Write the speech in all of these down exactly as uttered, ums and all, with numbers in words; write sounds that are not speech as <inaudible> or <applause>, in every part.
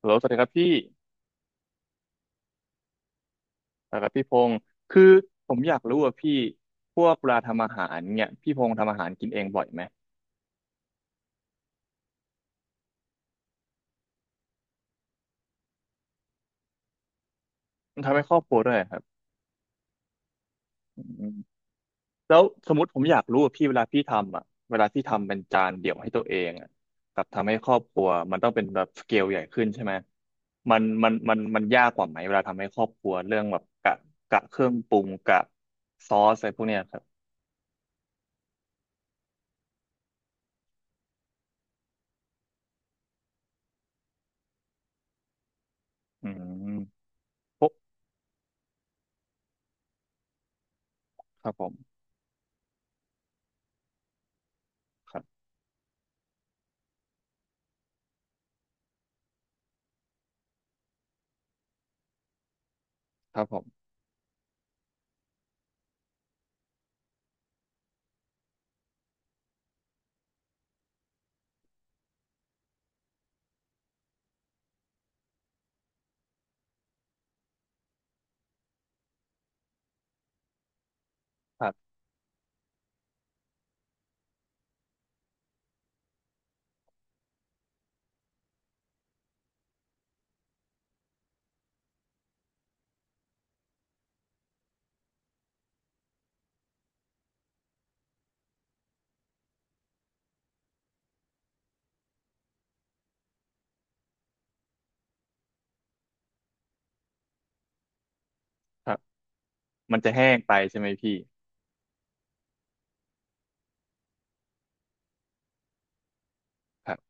ฮัลโหลสวัสดีครับพี่สวัสดครับพี่พงศ์คือผมอยากรู้ว่าพี่พวกเวลาทำอาหารเนี่ยพี่พงศ์ทำอาหารกินเองบ่อยไหมทำให้ครอบครัวด้วยครับอืมแล้วสมมติผมอยากรู้ว่าพี่เวลาพี่ทำอ่ะเวลาพี่ทำเป็นจานเดี่ยวให้ตัวเองอ่ะกับทำให้ครอบครัวมันต้องเป็นแบบสเกลใหญ่ขึ้นใช่ไหมมันมันมันมันยากกว่าไหมเวลาทำให้ครอบครัวเรื่องแบบกะกะเครื่องปรุงกะซอสอะไรพวกเนี้ยครับอืมปุ๊บครับผมครับครับผมครับครับมันจะแห้งไปใช่ไหมพี่ ครับ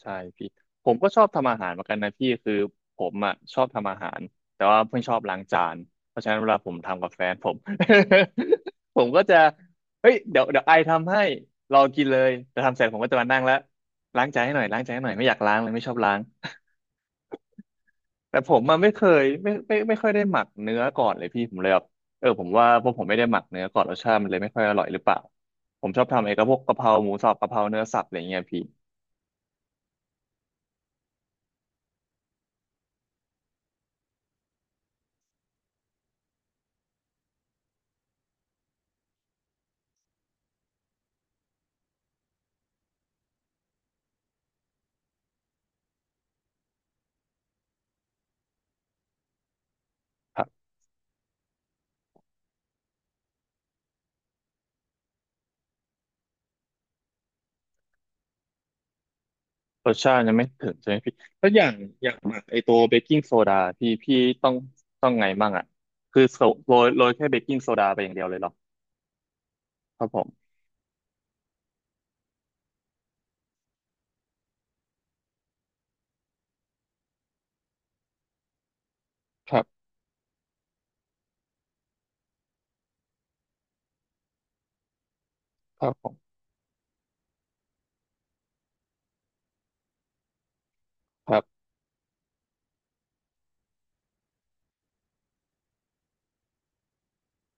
ใช่พี่ผมก็ชอบทำอาหารเหมือนกันนะพี่คือผมอ่ะชอบทำอาหารแต่ว่าเพิ่งชอบล้างจานเพราะฉะนั้นเวลาผมทำกับแฟนผม <laughs> ผมก็จะเฮ้ยเดี๋ยวเดี๋ยวไอทำให้ลองกินเลยแต่ทำเสร็จผมก็จะมานั่งแล้วล้างจานให้หน่อยล้างจานให้หน่อยไม่อยากล้างเลยไม่ชอบล้าง <laughs> แต่ผมมันไม่เคยไม่ไม่ไม่ค่อยได้หมักเนื้อก่อนเลยพี่ผมเลยแบบเออผมว่าพวกผมไม่ได้หมักเนื้อก่อนรสชาติมันเลยไม่ค่อยอร่อยหรือเปล่าผมชอบทำไอ้กับพวกกะเพราหมูสับกะเพราเนื้อสับอะไรเงี้ยพี่ รสชาติยังไม่ถึงใช่ไหมพี่แล้วอย่างอย่างหมักไอตัวเบกกิ้งโซดาพี่พี่ต้องต้องไงบ้างอ่ะคือโซโรยโรยแค่เบกกิ้งโซดาไปอย่างเดียวเลยเหรอครับผมครับครับผมครับ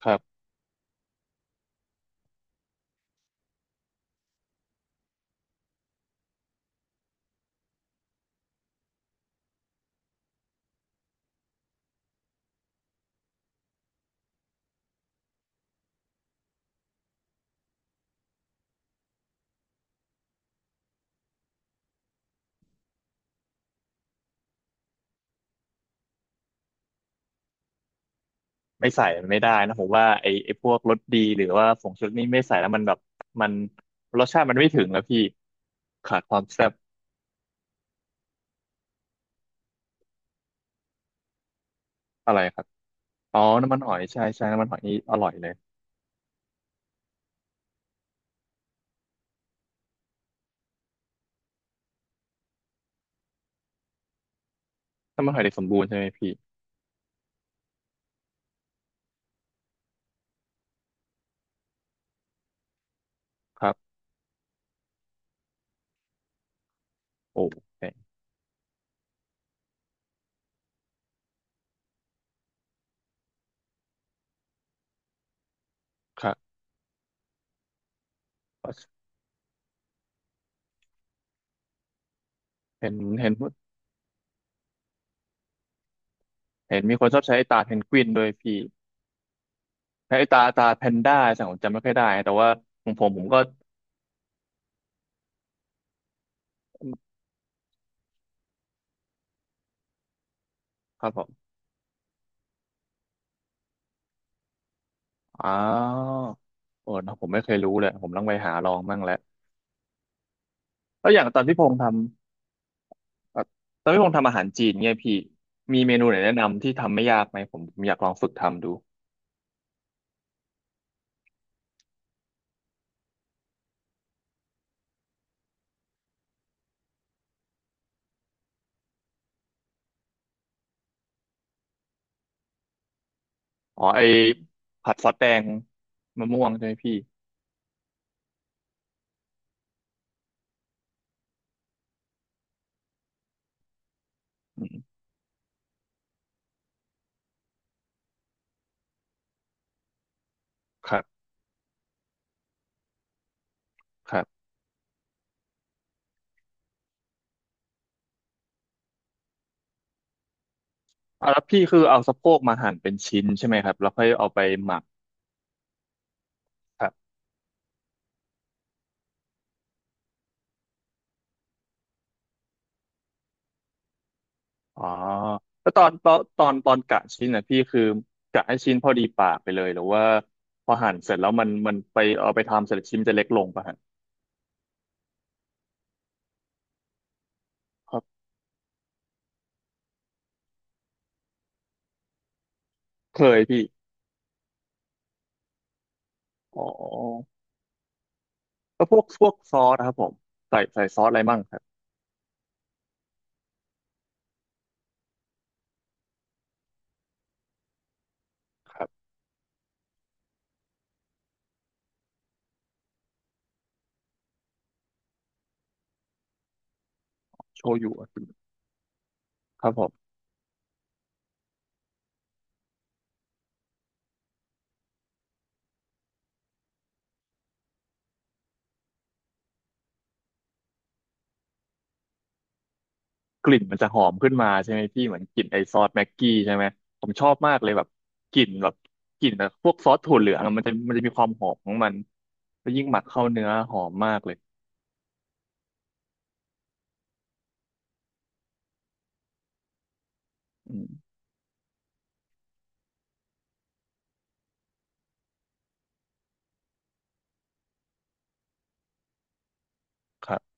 ครับไม่ใส่มันไม่ได้นะผมว่าไอไอพวกรสดีหรือว่าผงชูรสนี่ไม่ใส่แล้วมันแบบมันรสชาติมันไม่ถึงแล้วพี่ขาดความแซ่บอะไรครับอ๋อน้ำมันหอยใช่ใช่น้ำมันหอยนี่อร่อยเลยน้ำมันหอยเด็กสมบูรณ์ใช่ไหมพี่ครับโอเคครับเห็นเห็นเห็นมีคนชอบใช้ไอ้ตาเพนกวินด้วยพี่ ไอ้ตาตาแพนด้าสังผมจำไม่ค่อยได้แต่ว่าของผมผมก็ครับผมอ้าวโอ้เนอะผมไม่เคยรู้เลยผมต้องไปหาลองบ้างแล้วแล้วอย่างตอนพี่พงษ์ทำเอ่อตอนพี่พงษ์ทำอาหารจีนเนี่ยพี่มีเมนูไหนแนะนำที่ทำไม่ยากไหมผมผมอยากลองฝึกทำดูอ๋อไอ้ผัดซอสแดงมะม่วงใช่ไหมพี่อืมครับครับอ่ะแล้วพี่คือเอาสะโพกมาหั่นเป็นชิ้นใช่ไหมครับแล้วค่อยเอาไปหมัก อ๋อแล้วตอนตอนตอนตอนกะชิ้นนะพี่คือกะให้ชิ้นพอดีปากไปเลยหรือว่าพอหั่นเสร็จแล้วมันมันไปเอาไปทำเสร็จชิ้นจะเล็กลงป่ะฮะครับเคยพี่อ๋อแล้วพวกพวกซอสนะครับผมใส่ใส่ซอสอะไรมั่งครับครับโชยุอะครับผมกลิ่นมันจะหอมขึ้นมาใช่ไหมพี่เหมือนกลิ่นไอซอสแม็กกี้ใช่ไหมผมชอบมากเลยแบบกลิ่นแบบกลิ่นแบบพวกซอสถั่วเหลืองอะมันจะมันจะมีความหอมของมันแล้วยิ่งหมักเข้าเนื้อหอมมากเลยอืมครับ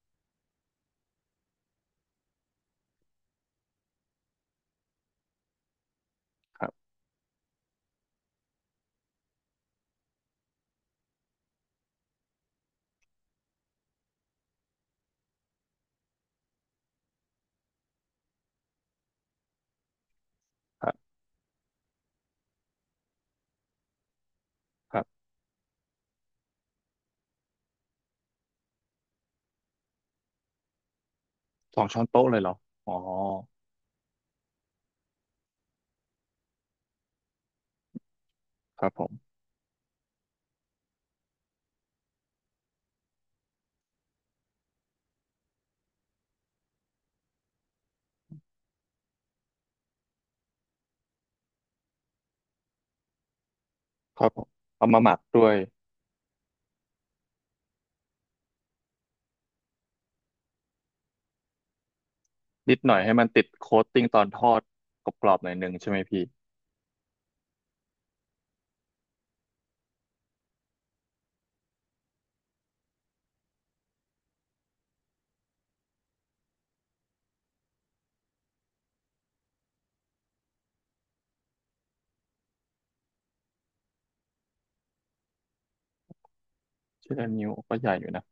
ครับครับครับ สองช้อนโต๊ะเลยเหรออ๋อครับผมครับผมเอามาหมักด้วยนิดหน่อยให้มันติดโค้ตติ้งตอนทอดกรอบๆหน่อยหนึ่งใช่ไหมพี่ชิ้นะนิ้วก็ใหญ่อยู่นะ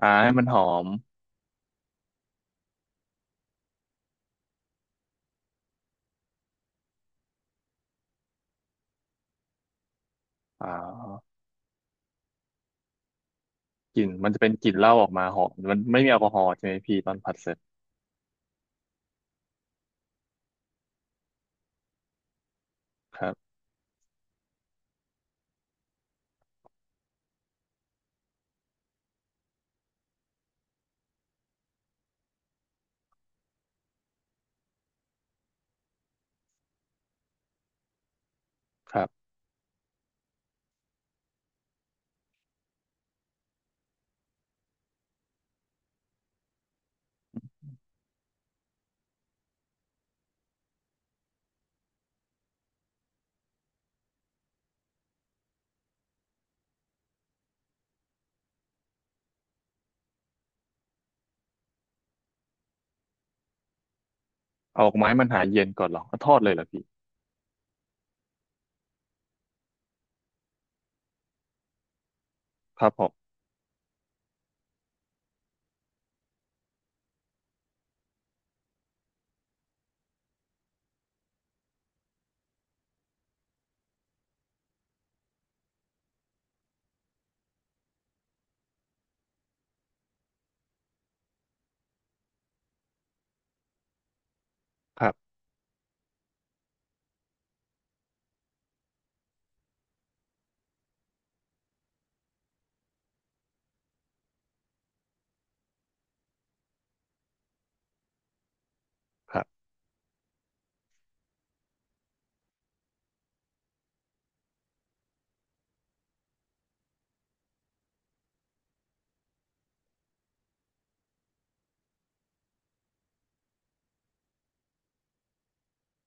อ่าให้มันหอมอ่ากลิ่นมันจะเป็นกลิ่นเหล้าออกมาหอมมันไม่มีแอลกอฮอล์ใช่ไหมพี่ตอนผัดเสร็จครับครับเอาออกมาให้มันหายเย็นก่อนเหรอเอาทอดเลยเหรอพี่ครับผมครับครับ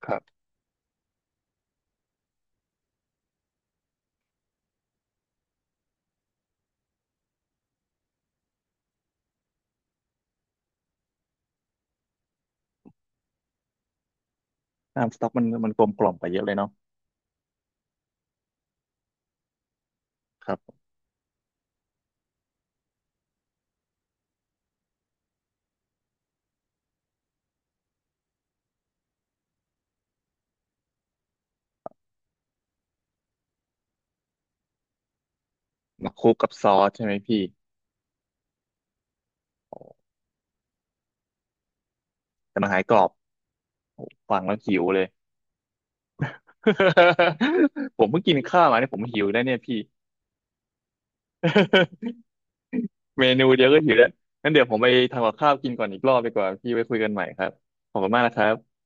ครับน้ำสต๊อกมันมันกลมกล่อมไปเยอะเลยเนาะครับมาคลุกกับซอสใช่ไหมพี่โอ้แต่มันหายกรอบโอ้ฟังแล้วหิวเลย <laughs> ผมเพิ่งกินข้าวมาเนี่ยผมหิวแล้วเนี่ยพี่ <laughs> เมนูเดียวก็หิวแล้วงั้นเดี๋ยวผมไปทำกับข้าวกินก่อนอีกรอบดีกว่าพี่ไว้คุยกันใหม่ครับขอบคุณมากนะครับ